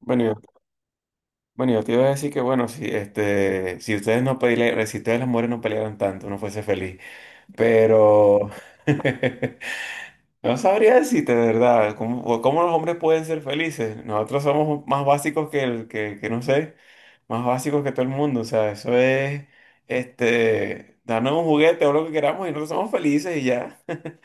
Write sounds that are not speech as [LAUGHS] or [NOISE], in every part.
Bueno, yo, bueno, yo te iba a decir que, bueno, si, si ustedes no pelearan, si ustedes las mujeres no pelearan tanto, uno fuese feliz. Pero [LAUGHS] no sabría decirte, de verdad, ¿cómo, cómo los hombres pueden ser felices? Nosotros somos más básicos que el, que no sé, más básicos que todo el mundo. O sea, eso es, darnos un juguete o lo que queramos y nosotros somos felices y ya. [LAUGHS]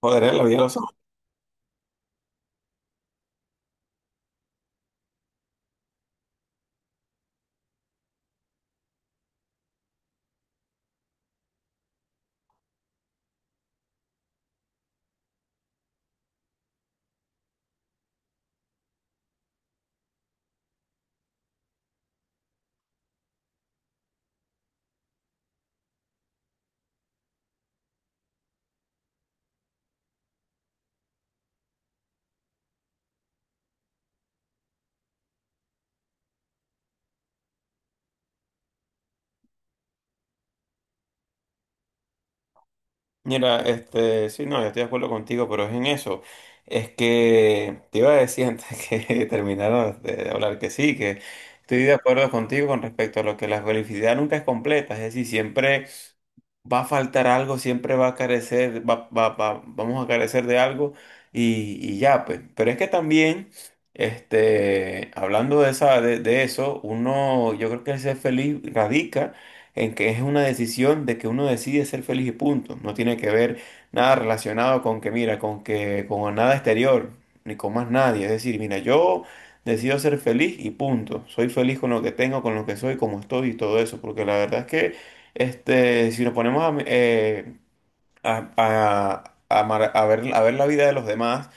Joder, la vida de los... Mira, sí, no, yo estoy de acuerdo contigo, pero es en eso. Es que te iba a decir antes [LAUGHS] que terminaron de hablar que sí, que estoy de acuerdo contigo con respecto a lo que la felicidad nunca es completa, es decir, siempre va a faltar algo, siempre va a carecer, vamos a carecer de algo y ya, pues. Pero es que también, hablando de esa, de eso, uno, yo creo que el ser feliz radica en que es una decisión de que uno decide ser feliz y punto. No tiene que ver nada relacionado con que, mira, con que, con nada exterior, ni con más nadie. Es decir, mira, yo decido ser feliz y punto. Soy feliz con lo que tengo, con lo que soy, como estoy y todo eso, porque la verdad es que si nos ponemos a, a- a- a ver la vida de los demás,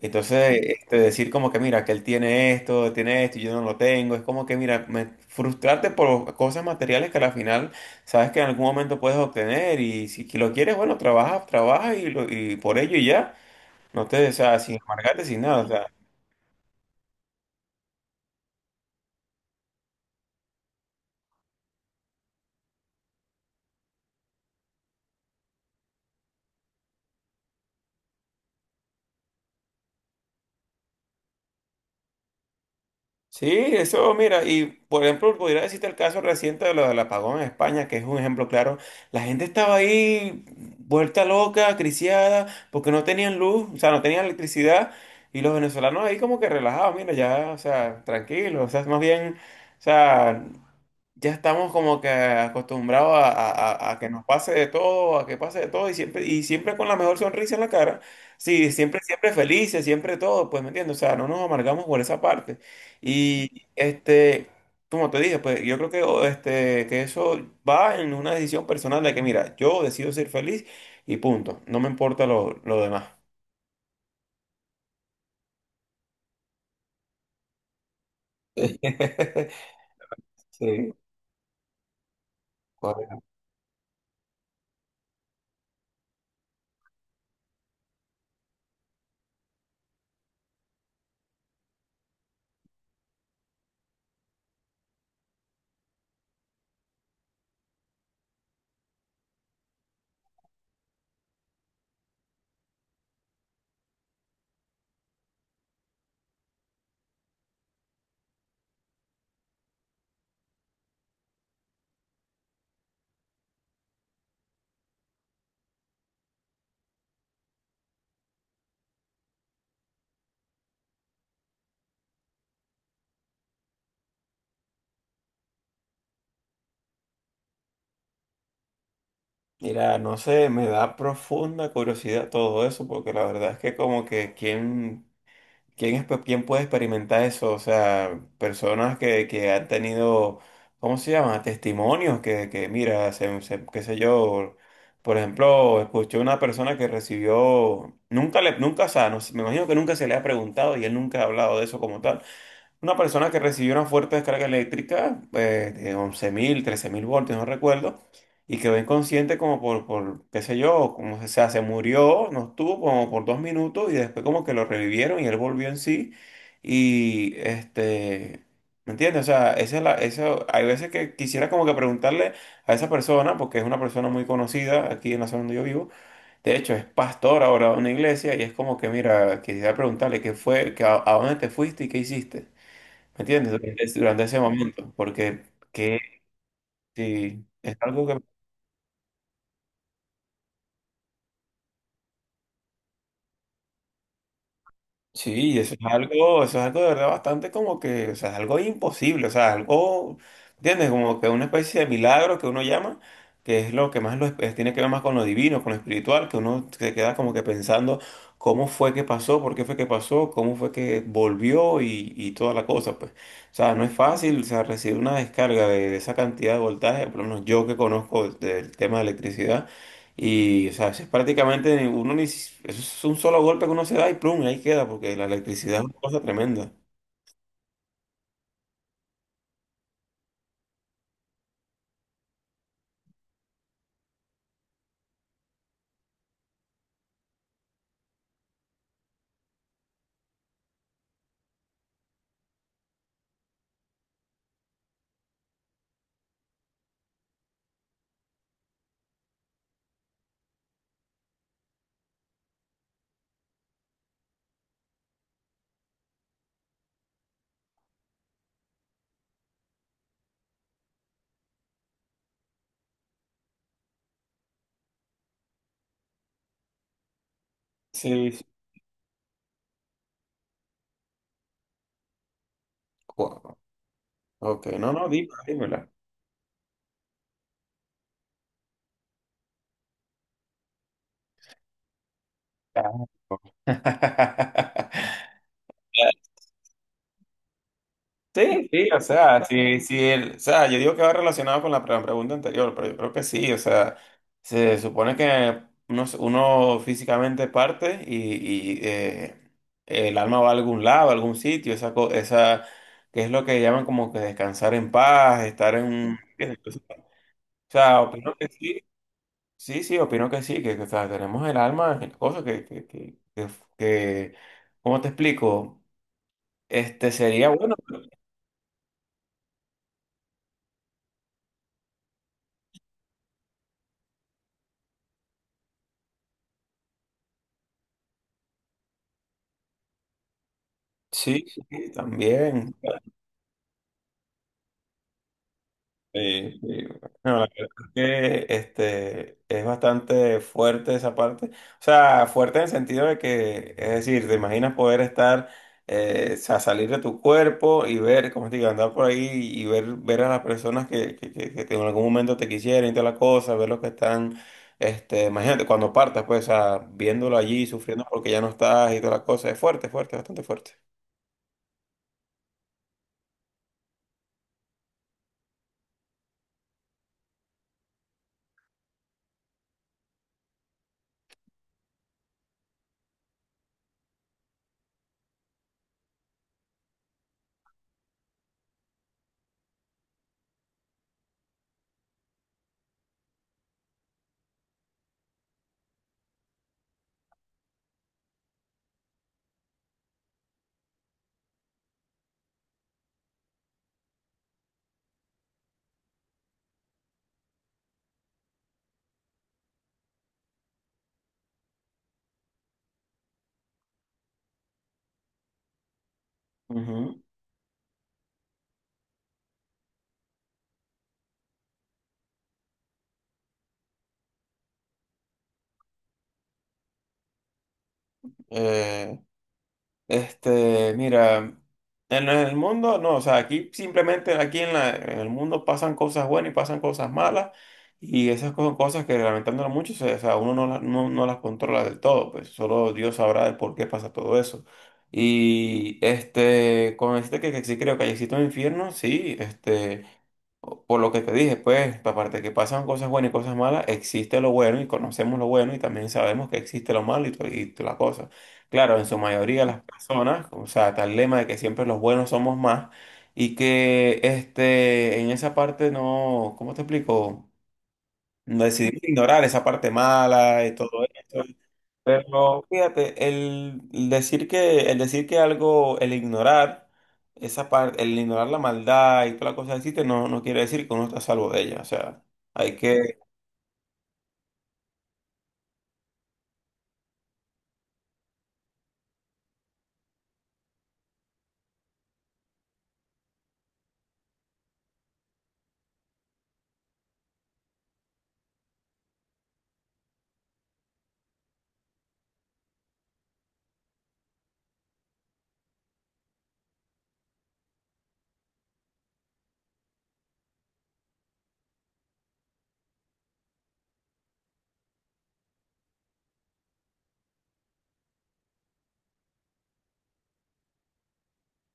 entonces decir como que mira, que él tiene esto y yo no lo tengo, es como que mira, frustrarte por cosas materiales que al final sabes que en algún momento puedes obtener y si que lo quieres, bueno, trabaja, trabaja y, y por ello y ya, no te, o sea, sin amargarte, sin nada, o sea... Sí, eso, mira, y por ejemplo, pudiera decirte el caso reciente de lo del apagón en España, que es un ejemplo claro. La gente estaba ahí vuelta loca, acriciada, porque no tenían luz, o sea, no tenían electricidad, y los venezolanos ahí como que relajados, mira, ya, o sea, tranquilos, o sea, más bien, o sea, ya estamos como que acostumbrados a, a que nos pase de todo, a que pase de todo y siempre con la mejor sonrisa en la cara. Sí, siempre, siempre felices, siempre todo, pues, ¿me entiendes? O sea, no nos amargamos por esa parte. Y como te dije, pues yo creo que, o, que eso va en una decisión personal de que, mira, yo decido ser feliz y punto. No me importa lo demás. [LAUGHS] Sí, correcto. Mira, no sé, me da profunda curiosidad todo eso, porque la verdad es que como que quién... ¿Quién, quién puede experimentar eso? O sea, personas que han tenido, ¿cómo se llama? Testimonios que mira, se, qué sé yo, por ejemplo, escuché una persona que recibió, nunca le, nunca, o sea, no sé, me imagino que nunca se le ha preguntado y él nunca ha hablado de eso como tal. Una persona que recibió una fuerte descarga eléctrica de 11.000, 13.000 voltios, no recuerdo, y quedó inconsciente como por qué sé yo, como se, se murió, no estuvo como por 2 minutos y después como que lo revivieron y él volvió en sí. Y ¿me entiendes? O sea, esa es la, eso, hay veces que quisiera como que preguntarle a esa persona, porque es una persona muy conocida aquí en la zona donde yo vivo, de hecho es pastor ahora de una iglesia y es como que, mira, quisiera preguntarle qué fue, que a dónde te fuiste y qué hiciste. ¿Me entiendes? Durante ese momento, porque que sí, es algo que... Sí, eso es algo de verdad bastante como que, o sea, es algo imposible, o sea, algo, ¿entiendes? Como que una especie de milagro que uno llama, que es lo que más lo, tiene que ver más con lo divino, con lo espiritual, que uno se queda como que pensando cómo fue que pasó, por qué fue que pasó, cómo fue que volvió y toda la cosa, pues. O sea, no es fácil, o sea, recibir una descarga de esa cantidad de voltaje, por lo menos yo que conozco del tema de electricidad. Y, o sea, es prácticamente uno ni, eso es un solo golpe que uno se da y plum, y ahí queda, porque la electricidad es una cosa tremenda. Sí, sí. Wow. Ok, no, no, dime, dímela. Ah. [LAUGHS] Sí, sí, o sea, sí, sí, o sea, yo digo que va relacionado con la pregunta anterior, pero yo creo que sí, o sea, se supone que uno físicamente parte y, el alma va a algún lado, a algún sitio, esa, esa, que es lo que llaman como que descansar en paz, estar en... O sea, opino que sí, sí, sí, opino que sí, que, o sea, tenemos el alma, en cosas que, que- ¿cómo te explico? Este sería bueno, sí, sí, también. Sí, sí. No, la verdad es que es bastante fuerte esa parte. O sea, fuerte en el sentido de que, es decir, te imaginas poder estar, o sea, salir de tu cuerpo y ver, como te digo, andar por ahí y ver, ver a las personas que, en algún momento te quisieran y toda la cosa, ver los que están, imagínate, cuando partas, pues, o sea, viéndolo allí, sufriendo porque ya no estás y toda la cosa. Es fuerte, fuerte, bastante fuerte. Ujú. Eh, mira, en el mundo, no, o sea, aquí simplemente, aquí en en el mundo pasan cosas buenas y pasan cosas malas, y esas son cosas que lamentándolo mucho, o sea, uno no, no, no las controla del todo, pues solo Dios sabrá el por qué pasa todo eso. Y con este que sí creo que existe un infierno, sí, este. Por lo que te dije, pues, aparte de que pasan cosas buenas y cosas malas, existe lo bueno y conocemos lo bueno y también sabemos que existe lo malo y, la cosa. Claro, en su mayoría las personas, o sea, tal lema de que siempre los buenos somos más y que en esa parte no, ¿cómo te explico? No decidimos ignorar esa parte mala y todo eso, pero fíjate, el decir que algo, el ignorar esa parte, el ignorar la maldad y toda la cosa que existe, no, no quiere decir que uno está a salvo de ella. O sea, hay que,